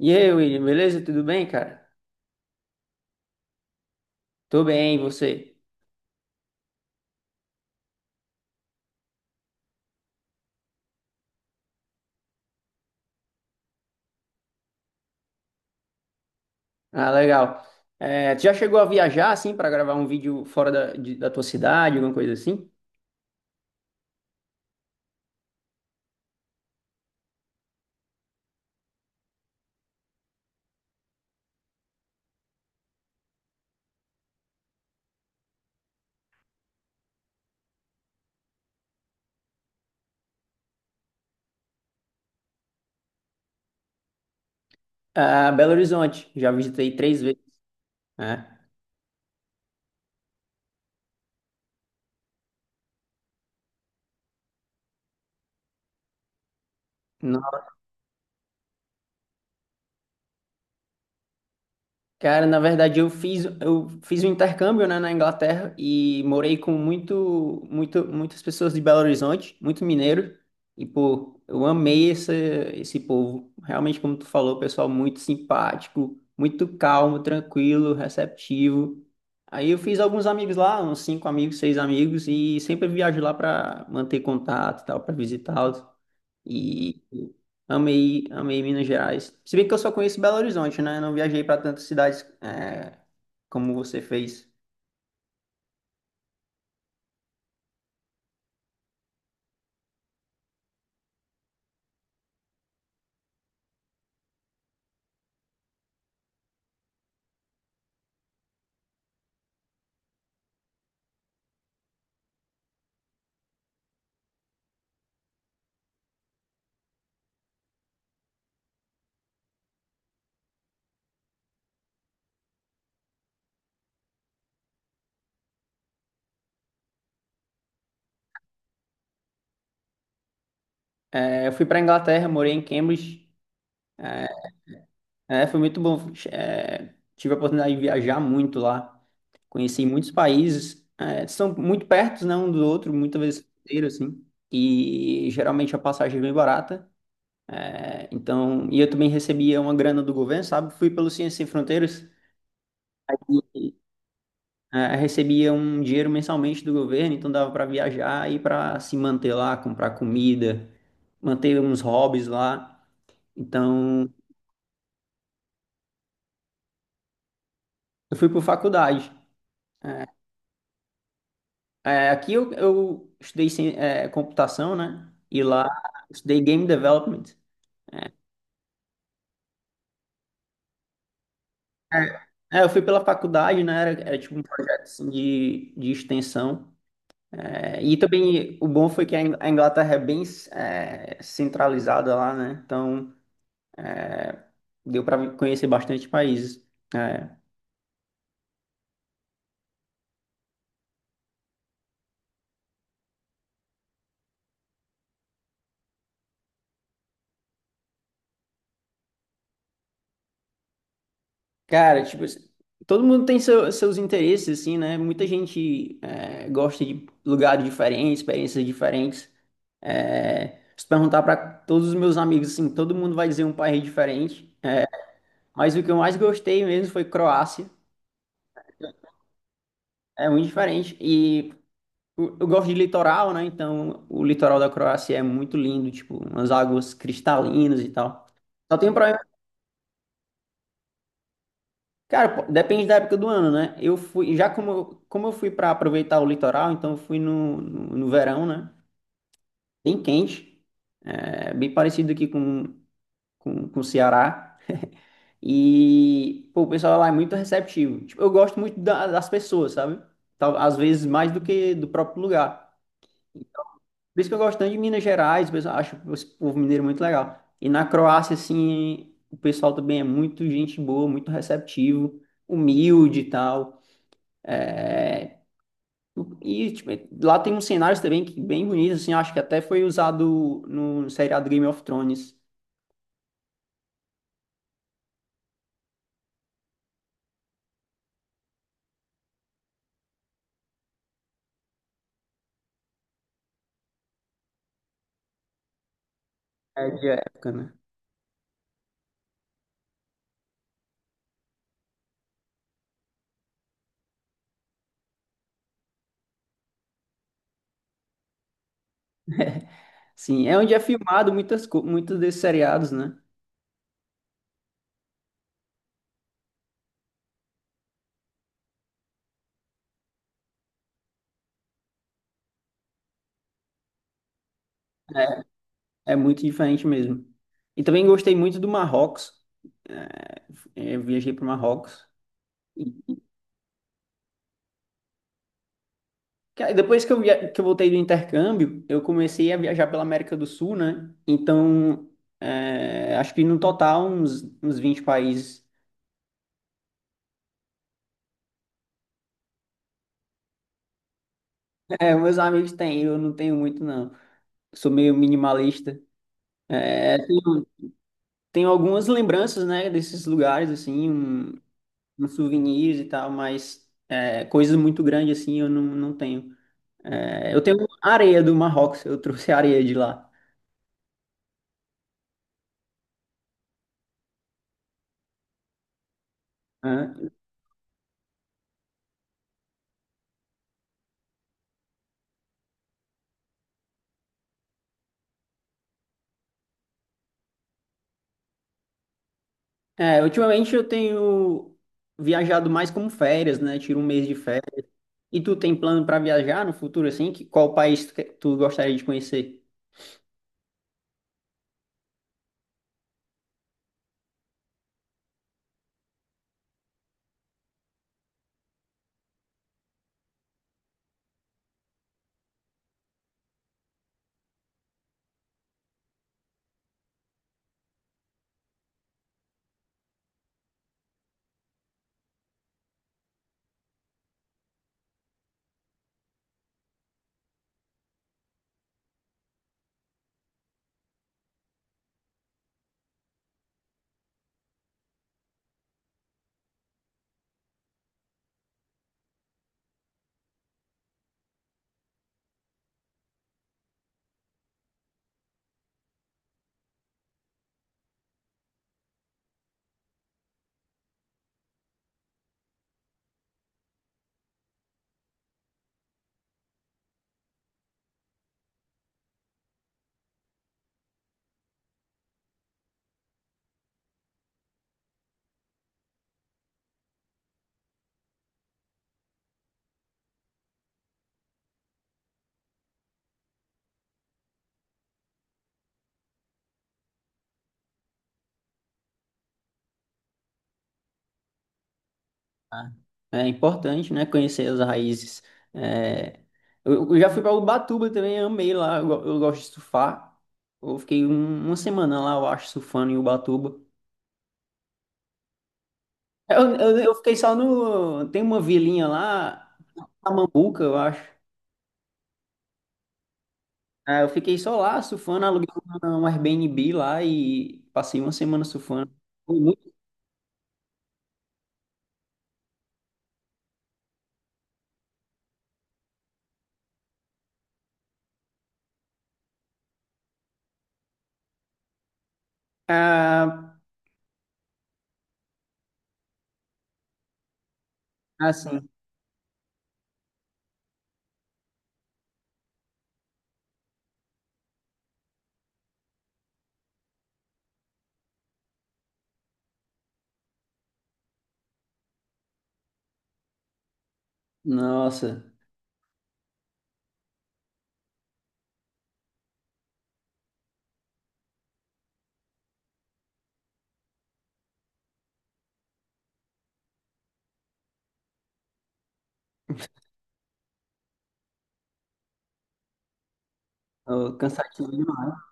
E aí, William, beleza? Tudo bem, cara? Tô bem, e você? Ah, legal. É, tu já chegou a viajar, assim, pra gravar um vídeo fora da tua cidade, alguma coisa assim? Ah, Belo Horizonte, já visitei três vezes, né? Cara, na verdade eu fiz um intercâmbio, né, na Inglaterra e morei com muitas pessoas de Belo Horizonte, muito mineiro, e pô, eu amei esse povo. Realmente, como tu falou, pessoal muito simpático, muito calmo, tranquilo, receptivo. Aí eu fiz alguns amigos lá, uns cinco amigos, seis amigos, e sempre viajo lá para manter contato e tal, para visitá-los. E amei, amei Minas Gerais. Se bem que eu só conheço Belo Horizonte, né? Não viajei para tantas cidades como você fez. É, eu fui para Inglaterra, morei em Cambridge. É, foi muito bom. É, tive a oportunidade de viajar muito lá. Conheci muitos países. É, são muito pertos, né, um do outro, muitas vezes inteiro, assim. E geralmente a passagem é bem barata. É, então, e eu também recebia uma grana do governo, sabe? Fui pelo Ciência Sem Fronteiras. Recebia um dinheiro mensalmente do governo, então dava para viajar e para se manter lá, comprar comida, manter uns hobbies lá. Então, eu fui por faculdade. É, é, aqui eu estudei computação, né? E lá eu estudei game development. É, é, eu fui pela faculdade, né? Era tipo um projeto assim, de extensão. É, e também o bom foi que a Inglaterra é bem centralizada lá, né? Então deu para conhecer bastante países. É. Cara, tipo, assim, todo mundo tem seus interesses, assim, né? Muita gente gosta de lugares diferentes, experiências diferentes. É, se perguntar para todos os meus amigos, assim, todo mundo vai dizer um país diferente, né? Mas o que eu mais gostei mesmo foi Croácia. É muito diferente. E eu gosto de litoral, né? Então, o litoral da Croácia é muito lindo, tipo, umas águas cristalinas e tal. Só tem um problema. Cara, pô, depende da época do ano, né? Eu fui, já como, como eu fui para aproveitar o litoral, então eu fui no verão, né? Bem quente, é, bem parecido aqui com o Ceará. E, pô, o pessoal lá é muito receptivo. Tipo, eu gosto muito das pessoas, sabe? Tal, às vezes mais do que do próprio lugar. Por isso que eu gosto tanto de Minas Gerais, o pessoal, acho o povo mineiro muito legal. E na Croácia, assim, o pessoal também é muito gente boa, muito receptivo, humilde e tal. É, e tipo, lá tem uns cenários também que bem bonitos, assim, acho que até foi usado no seriado Game of Thrones, é, de época, né? Sim, é onde é filmado muitos desses seriados, né? É muito diferente mesmo. E também gostei muito do Marrocos. É, é, eu viajei para o Marrocos. E, cara, depois que que eu voltei do intercâmbio, eu comecei a viajar pela América do Sul, né? Então, acho que no total uns 20 países. É, meus amigos têm, eu não tenho muito, não. Sou meio minimalista. É, tenho algumas lembranças, né, desses lugares, assim, uns souvenirs e tal, mas coisas muito grandes, assim, eu não tenho. É, eu tenho areia do Marrocos, eu trouxe areia de lá, né? É, ultimamente eu tenho viajado mais como férias, né, tiro um mês de férias. E tu tem plano para viajar no futuro, assim? Qual país tu gostaria de conhecer? Ah, é importante, né? Conhecer as raízes. É, Eu já fui para Ubatuba também, amei lá. Eu gosto de surfar. Eu fiquei uma semana lá, eu acho, surfando em Ubatuba. Eu fiquei só no. Tem uma vilinha lá, Mambuca, eu acho. Ah, eu fiquei só lá surfando, aluguei um Airbnb lá e passei uma semana surfando. Foi muito. Ah, assim. Nossa, cansativo demais.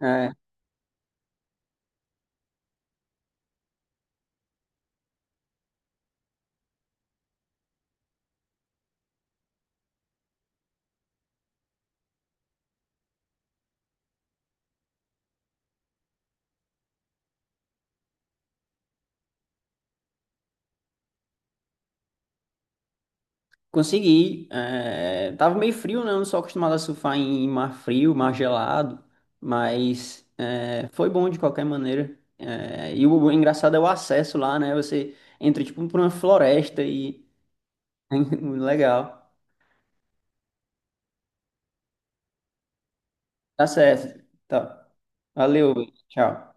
É. Consegui. Tava meio frio, né? Eu não sou acostumado a surfar em mar frio, mar gelado, mas foi bom de qualquer maneira. E o engraçado é o acesso lá, né? Você entra tipo por uma floresta e legal. Tá certo. Tá. Valeu, tchau.